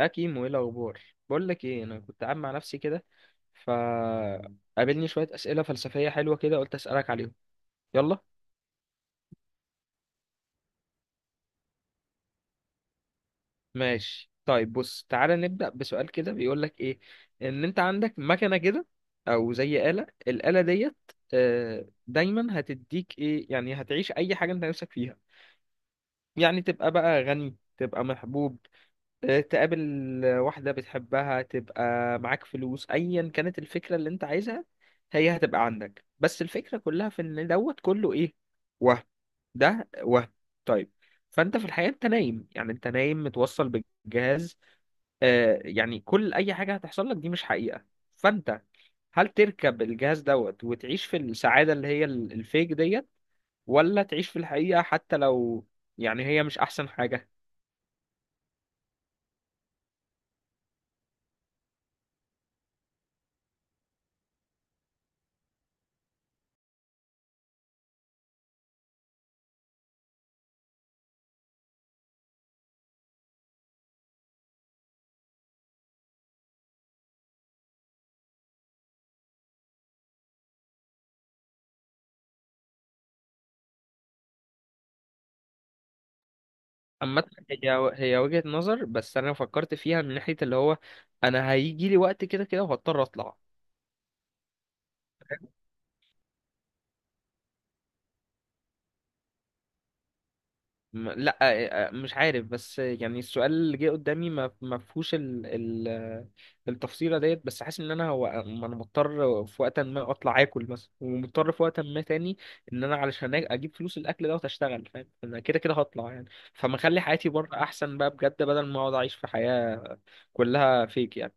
اه كيمو، ايه الاخبار؟ بقول لك ايه، انا كنت قاعد مع نفسي كده، ف قابلني شويه اسئله فلسفيه حلوه كده، قلت اسالك عليهم. يلا، ماشي. طيب بص، تعالى نبدا بسؤال كده بيقول لك ايه. ان انت عندك مكنه كده، او زي آلة، الآلة ديت دايما هتديك ايه، يعني هتعيش اي حاجه انت نفسك فيها. يعني تبقى بقى غني، تبقى محبوب، تقابل واحدة بتحبها، تبقى معاك فلوس، أيا كانت الفكرة اللي أنت عايزها هي هتبقى عندك. بس الفكرة كلها في إن دوت كله إيه؟ وهم. ده وهم. طيب، فأنت في الحقيقة أنت نايم، يعني أنت نايم متوصل بالجهاز. آه يعني كل أي حاجة هتحصل لك دي مش حقيقة. فأنت، هل تركب الجهاز دوت وتعيش في السعادة اللي هي الفيك ديت، ولا تعيش في الحقيقة حتى لو يعني هي مش أحسن حاجة؟ عامة هي وجهة نظر، بس انا فكرت فيها من ناحية اللي هو انا هيجي لي وقت كده كده وهضطر اطلع. لا، مش عارف، بس يعني السؤال اللي جه قدامي ما فيهوش ال التفصيلة ديت، بس حاسس ان انا هو ما انا مضطر في وقت ما اطلع اكل مثلا، ومضطر في وقت ما تاني ان انا علشان اجيب فلوس الاكل ده واشتغل. فاهم، انا كده كده هطلع يعني، فما اخلي حياتي بره احسن بقى بجد، بدل ما اقعد اعيش في حياة كلها فيك يعني.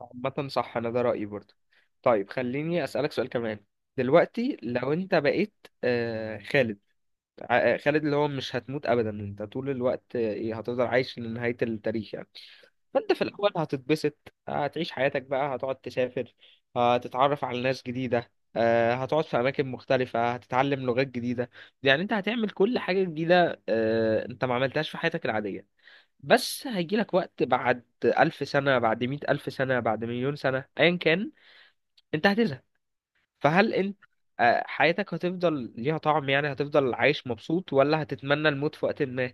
عامة صح، أنا ده رأيي برضه. طيب خليني أسألك سؤال كمان. دلوقتي لو أنت بقيت خالد، خالد اللي هو مش هتموت أبدا، أنت طول الوقت آه، إيه، هتفضل عايش لنهاية التاريخ يعني. فأنت في الأول هتتبسط، هتعيش حياتك بقى، هتقعد تسافر، هتتعرف على ناس جديدة، هتقعد في أماكن مختلفة، هتتعلم لغات جديدة. يعني أنت هتعمل كل حاجة جديدة أنت ما عملتهاش في حياتك العادية. بس هيجيلك وقت بعد 1000 سنة، بعد 100000 سنة، بعد 1000000 سنة، أيا كان، أنت هتزهق. فهل أنت حياتك هتفضل ليها طعم يعني، هتفضل عايش مبسوط، ولا هتتمنى الموت في وقت ما؟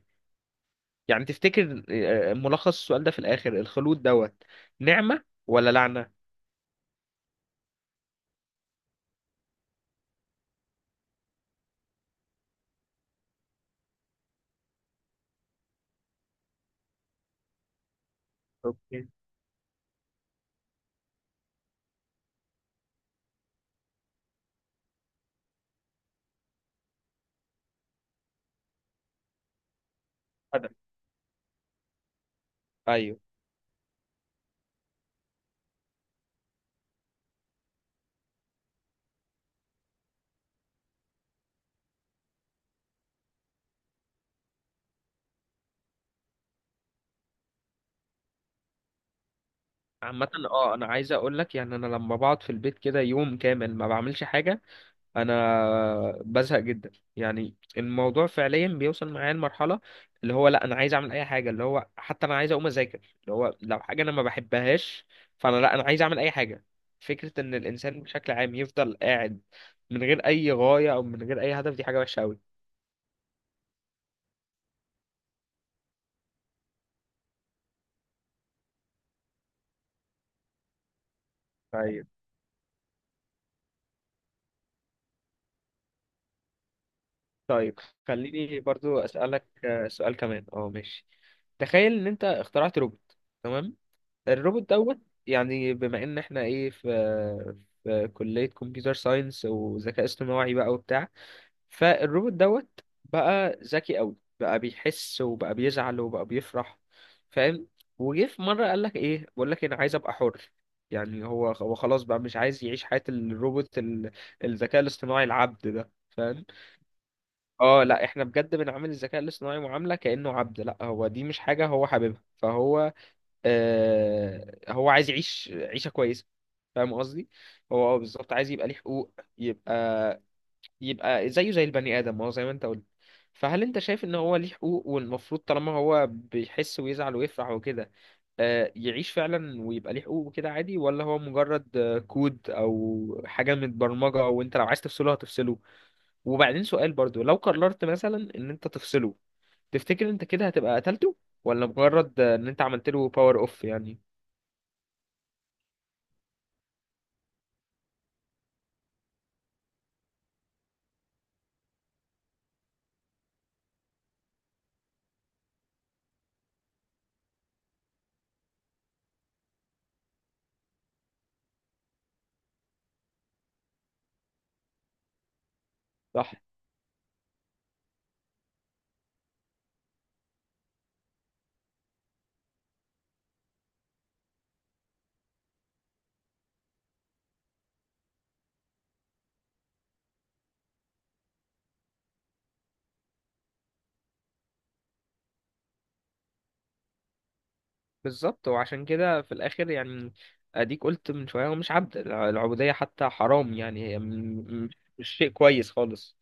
يعني تفتكر، ملخص السؤال ده في الآخر، الخلود دوت نعمة ولا لعنة؟ اوكي. هذا. ايوه. عامة اه انا عايز اقول لك يعني، انا لما بقعد في البيت كده يوم كامل ما بعملش حاجة انا بزهق جدا. يعني الموضوع فعليا بيوصل معايا لمرحله اللي هو لا انا عايز اعمل اي حاجه، اللي هو حتى انا عايز اقوم اذاكر، اللي هو لو حاجه انا ما بحبهاش، فانا لا انا عايز اعمل اي حاجه. فكره ان الانسان بشكل عام يفضل قاعد من غير اي غايه او من غير اي هدف، دي حاجه وحشه قوي. طيب، طيب خليني برضو اسالك سؤال كمان اه، ماشي. تخيل ان انت اخترعت روبوت. تمام. الروبوت دوت، يعني بما ان احنا ايه، في في كلية كمبيوتر ساينس وذكاء اصطناعي بقى وبتاع، فالروبوت دوت بقى ذكي قوي، بقى بيحس وبقى بيزعل وبقى بيفرح. فاهم؟ وجه في مرة قال لك ايه، بقول لك انا عايز ابقى حر. يعني هو خلاص بقى مش عايز يعيش حياة الروبوت الذكاء الاصطناعي العبد ده، فاهم؟ اه لا، احنا بجد بنعامل الذكاء الاصطناعي معاملة كأنه عبد، لا هو دي مش حاجة هو حاببها، فهو هو عايز يعيش عيشة كويسة. فاهم قصدي؟ هو اه بالظبط عايز يبقى ليه حقوق، يبقى، يبقى زيه زي البني آدم، ما هو زي ما انت قلت. فهل انت شايف ان هو ليه حقوق، والمفروض طالما هو بيحس ويزعل ويفرح وكده يعيش فعلا ويبقى ليه حقوق وكده عادي، ولا هو مجرد كود او حاجة متبرمجة وانت لو عايز تفصله هتفصله؟ وبعدين سؤال برضو، لو قررت مثلا ان انت تفصله، تفتكر انت كده هتبقى قتلته، ولا مجرد ان انت عملت له باور اوف يعني؟ صح. بالظبط. وعشان كده في الاخر يعني اديك قلت من شويه، هو مش عبد، العبوديه حتى حرام يعني، هي م- مش شيء كويس خالص.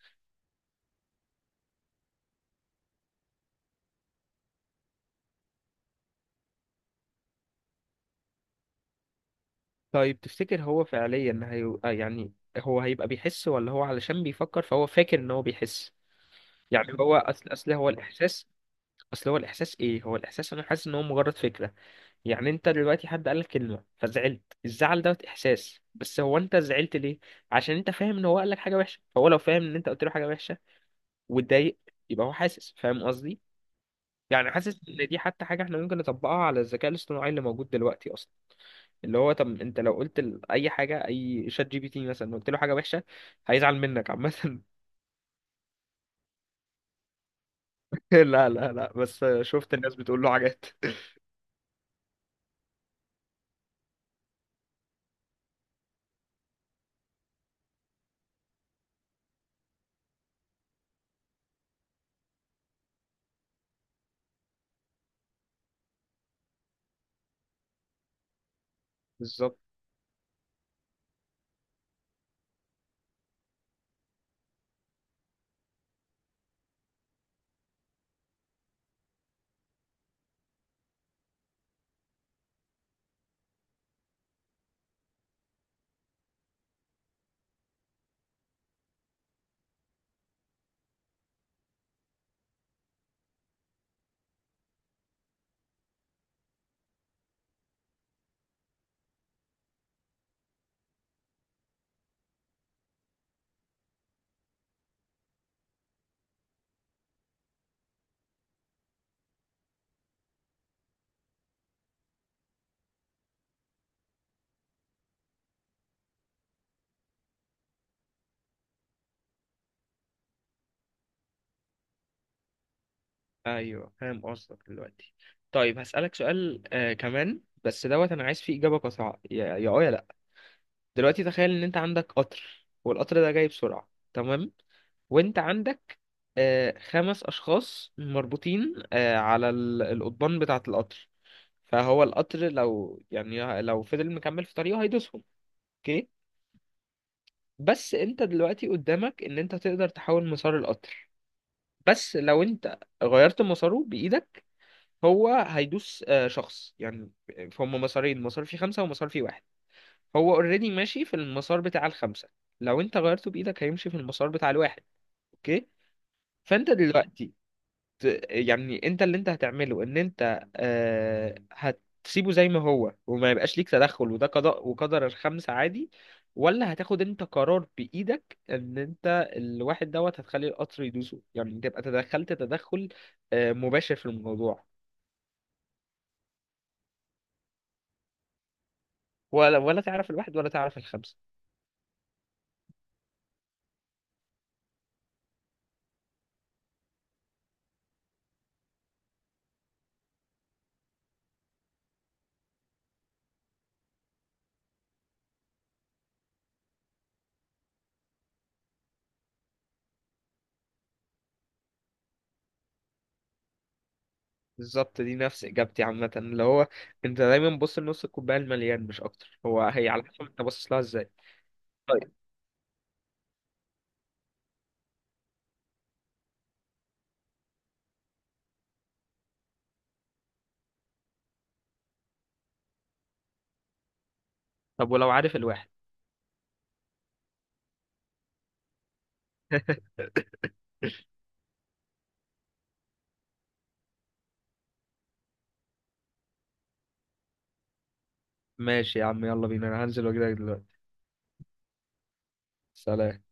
طيب تفتكر هو فعليا هي يعني، هو هيبقى بيحس، ولا هو علشان بيفكر فهو فاكر ان هو بيحس؟ يعني هو اصل هو الاحساس، اصل هو الاحساس ايه، هو الاحساس انا حاسس ان هو مجرد فكره. يعني انت دلوقتي حد قالك كلمه فزعلت، الزعل ده احساس، بس هو انت زعلت ليه؟ عشان انت فاهم ان هو قالك حاجه وحشه. فهو لو فاهم ان انت قلت له حاجه وحشه واتضايق يبقى هو حاسس، فاهم قصدي؟ يعني حاسس ان دي حتى حاجه احنا ممكن نطبقها على الذكاء الاصطناعي اللي موجود دلوقتي اصلا. اللي هو طب انت لو قلت اي حاجه، اي ChatGPT مثلا، قلت له حاجه وحشه هيزعل منك عامه. لا، بس شفت الناس بتقول له حاجات. بالظبط. ايوه فاهم قصدك دلوقتي. طيب هسألك سؤال آه كمان، بس دوت انا عايز فيه اجابه قصيره يا لا. دلوقتي تخيل ان انت عندك قطر، والقطر ده جاي بسرعة. تمام؟ وانت عندك 5 اشخاص مربوطين على القضبان بتاعة القطر. فهو القطر لو يعني لو فضل مكمل في طريقه هيدوسهم. اوكي. بس انت دلوقتي قدامك ان انت تقدر تحول مسار القطر. بس لو انت غيرت مساره بايدك هو هيدوس شخص يعني. فهم مسارين، مسار فيه 5 ومسار فيه واحد. هو اوريدي ماشي في المسار بتاع ال5، لو انت غيرته بايدك هيمشي في المسار بتاع الواحد. اوكي؟ فانت دلوقتي يعني انت اللي انت هتعمله، ان انت آه هتسيبه زي ما هو وما يبقاش ليك تدخل، وده قضاء وقدر، ال5 عادي؟ ولا هتاخد انت قرار بايدك ان انت الواحد دوت هتخلي القطر يدوسه، يعني تبقى تدخلت تدخل آه مباشر في الموضوع؟ ولا تعرف الواحد ولا تعرف ال5. بالظبط، دي نفس اجابتي عامه، اللي هو انت دايما بص لنص الكوبايه المليان مش اكتر، هو هي على حسب انت باصص لها ازاي. طيب. طب ولو عارف الواحد؟ ماشي يا عم، يلا بينا، انا هنزل واجيلك دلوقتي. سلام.